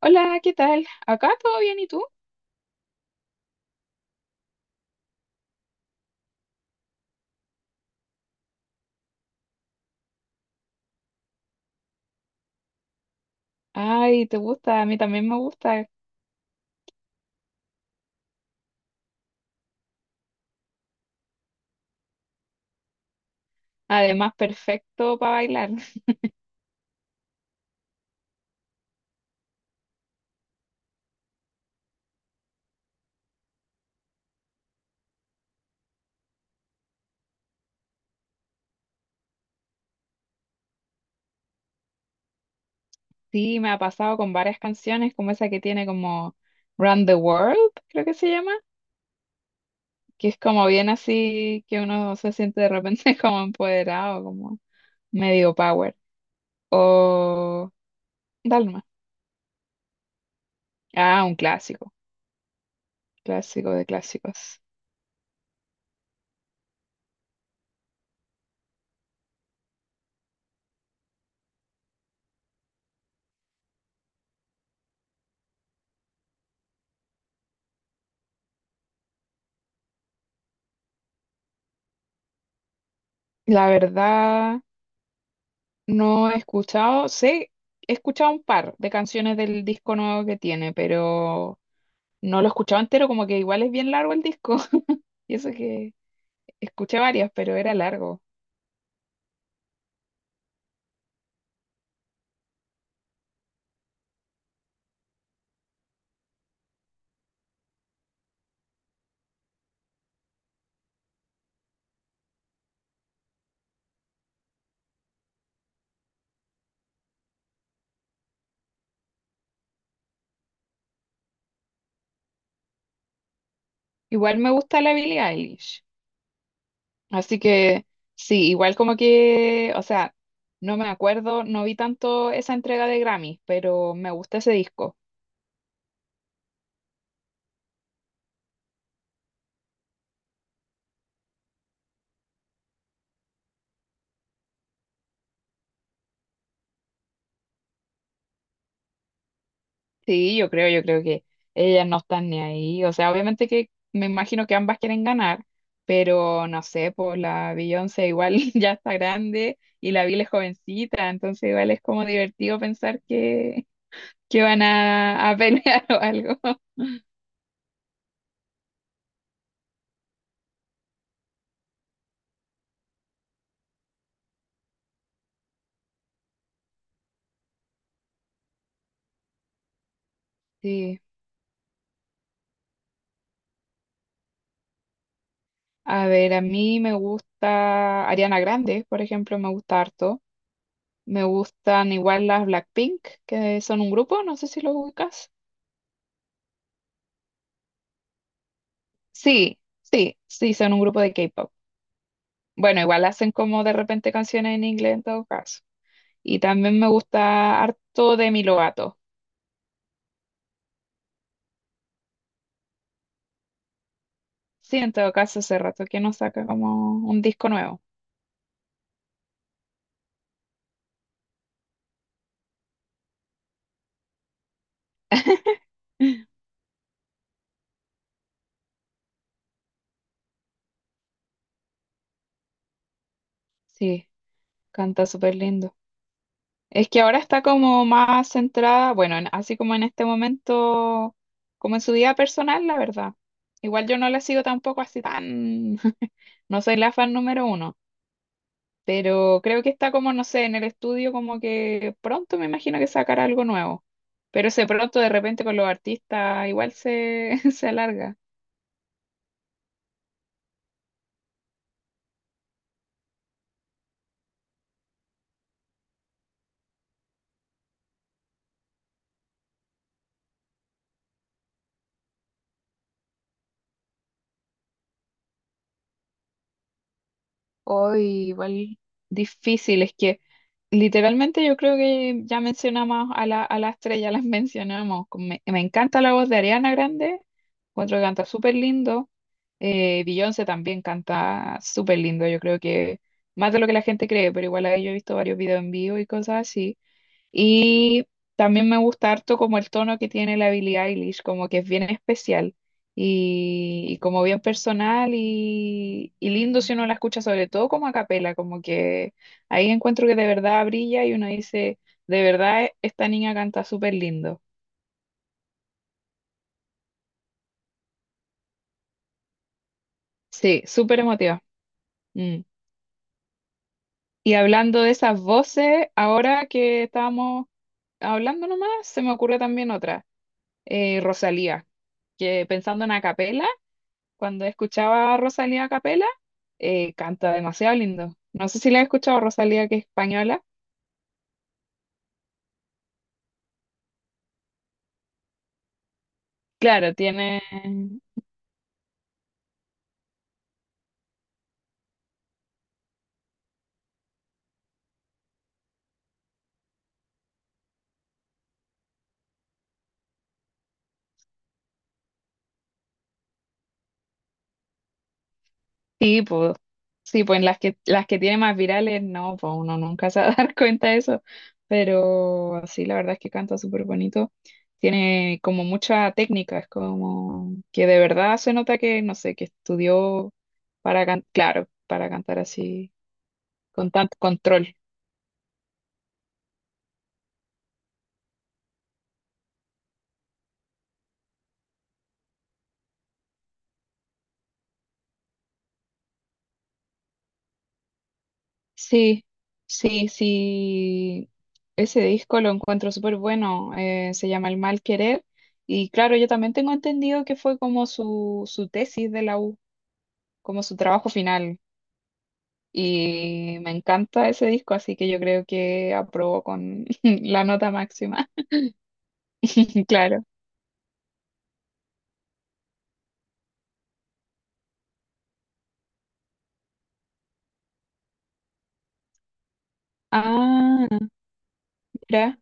Hola, ¿qué tal? Acá todo bien, ¿y tú? Ay, ¿te gusta? A mí también me gusta. Además, perfecto para bailar. Sí, me ha pasado con varias canciones, como esa que tiene como Run the World, creo que se llama, que es como bien así que uno se siente de repente como empoderado, como medio power. O Dalma. Ah, un clásico, clásico de clásicos. La verdad, no he escuchado, sé, he escuchado un par de canciones del disco nuevo que tiene, pero no lo escuchaba entero, como que igual es bien largo el disco. Y eso que escuché varias, pero era largo. Igual me gusta la Billie Eilish. Así que sí, igual como que, o sea, no me acuerdo, no vi tanto esa entrega de Grammy, pero me gusta ese disco. Sí, yo creo que ellas no están ni ahí. O sea, obviamente que me imagino que ambas quieren ganar, pero no sé, pues la Beyoncé igual ya está grande y la Billie es jovencita, entonces igual es como divertido pensar que que van a pelear o algo. Sí. A ver, a mí me gusta Ariana Grande, por ejemplo, me gusta harto. Me gustan igual las Blackpink, que son un grupo, no sé si lo ubicas. Sí, sí, sí, son un grupo de K-pop. Bueno, igual hacen como de repente canciones en inglés en todo caso. Y también me gusta harto Demi Lovato. Sí, en todo caso, hace rato que no saca como un disco nuevo. Sí, canta súper lindo. Es que ahora está como más centrada, bueno, en- así como en este momento, como en su vida personal, la verdad. Igual yo no la sigo tampoco así tan, no soy la fan número uno, pero creo que está como, no sé, en el estudio como que pronto me imagino que sacará algo nuevo. Pero ese pronto de repente con los artistas igual se, se alarga. Hoy igual difícil, es que literalmente yo creo que ya mencionamos a la estrella, las mencionamos. Me encanta la voz de Ariana Grande. Encuentro que canta súper lindo. Beyoncé también canta súper lindo. Yo creo que más de lo que la gente cree, pero igual ahí yo he visto varios videos en vivo y cosas así. Y también me gusta harto como el tono que tiene la Billie Eilish, como que es bien especial y como bien personal y lindo si uno la escucha, sobre todo como a capela, como que ahí encuentro que de verdad brilla y uno dice, de verdad esta niña canta súper lindo. Sí, súper emotiva. Mm. Y hablando de esas voces, ahora que estábamos hablando nomás, se me ocurre también otra, Rosalía, que pensando en a capela, cuando escuchaba a Rosalía a capela, canta demasiado lindo. No sé si la he escuchado Rosalía, que es española. Claro, tiene, sí, pues, sí, pues en las que tiene más virales, no, pues uno nunca se va a dar cuenta de eso. Pero sí, la verdad es que canta súper bonito. Tiene como mucha técnica, es como que de verdad se nota que, no sé, que estudió para cantar, claro, para cantar así, con tanto control. Sí, sí, sí. Ese disco lo encuentro súper bueno. Se llama El Mal Querer. Y claro, yo también tengo entendido que fue como su tesis de la U, como su trabajo final. Y me encanta ese disco, así que yo creo que aprobó con la nota máxima. Claro. Ah, mira,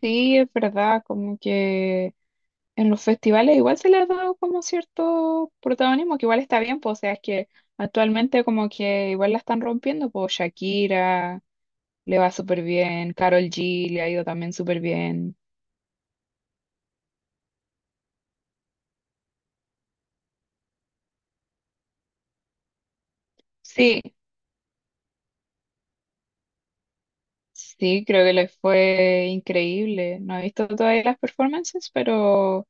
sí, es verdad, como que en los festivales igual se le ha dado como cierto protagonismo, que igual está bien, pues, o sea, es que actualmente como que igual la están rompiendo, pues Shakira le va súper bien, Karol G le ha ido también súper bien. Sí, sí, creo que les fue increíble. No he visto todavía las performances, pero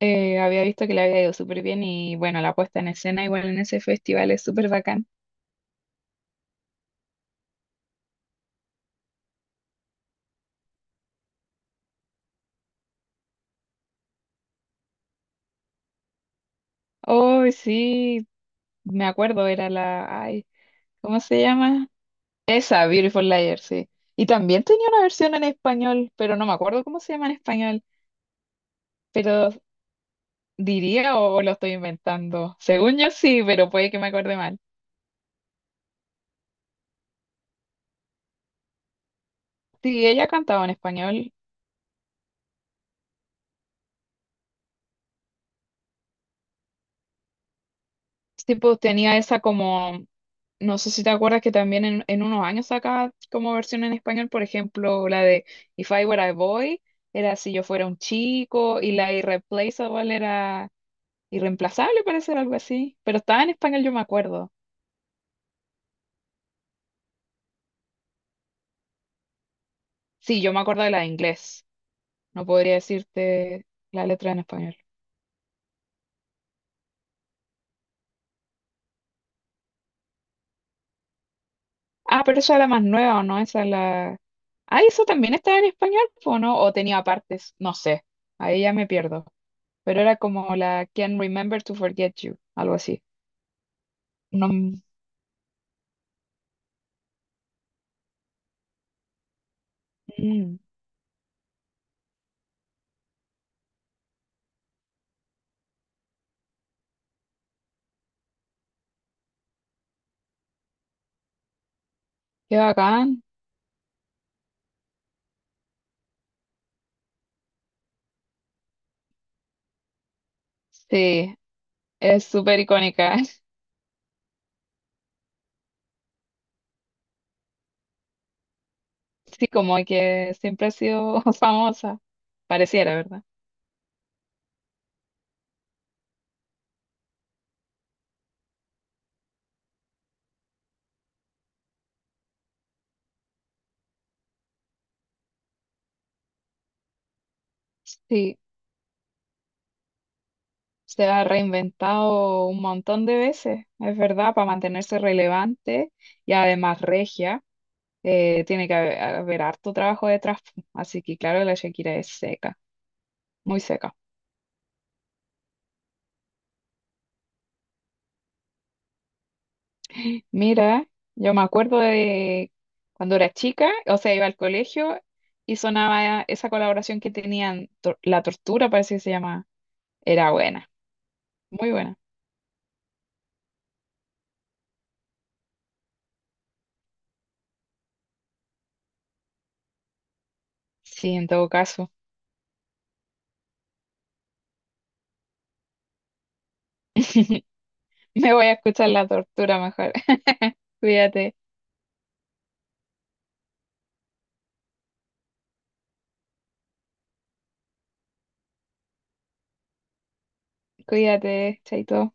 había visto que le había ido súper bien y bueno, la puesta en escena igual en ese festival es súper bacán. Oh, sí, me acuerdo, era la... Ay, ¿cómo se llama? Esa, Beautiful Liar, sí. Y también tenía una versión en español, pero no me acuerdo cómo se llama en español. Pero diría o lo estoy inventando. Según yo sí, pero puede que me acuerde mal. Sí, ella cantaba en español. Tipo tenía esa como, no sé si te acuerdas que también en unos años acá como versión en español, por ejemplo, la de If I Were a Boy era Si yo fuera un chico y la Irreplaceable era irreemplazable, parece algo así, pero estaba en español, yo me acuerdo. Sí, yo me acuerdo de la de inglés, no podría decirte la letra en español. Ah, pero esa era más nueva, ¿o no? Esa es la... Ah, ¿eso también estaba en español, o no? ¿O tenía partes? No sé, ahí ya me pierdo. Pero era como la Can't Remember to Forget You, algo así. No, mm, qué bacán. Sí, es súper icónica. Sí, como que siempre ha sido famosa, pareciera, ¿verdad? Sí, se ha reinventado un montón de veces, es verdad, para mantenerse relevante y además regia. Tiene que haber harto trabajo detrás, pu, así que claro, la Shakira es seca, muy seca. Mira, yo me acuerdo de cuando era chica, o sea, iba al colegio y sonaba esa colaboración que tenían, Tor- La Tortura parece que se llama, era buena, muy buena. Sí, en todo caso, me voy a escuchar La Tortura mejor. Cuídate, cuídate, chaito.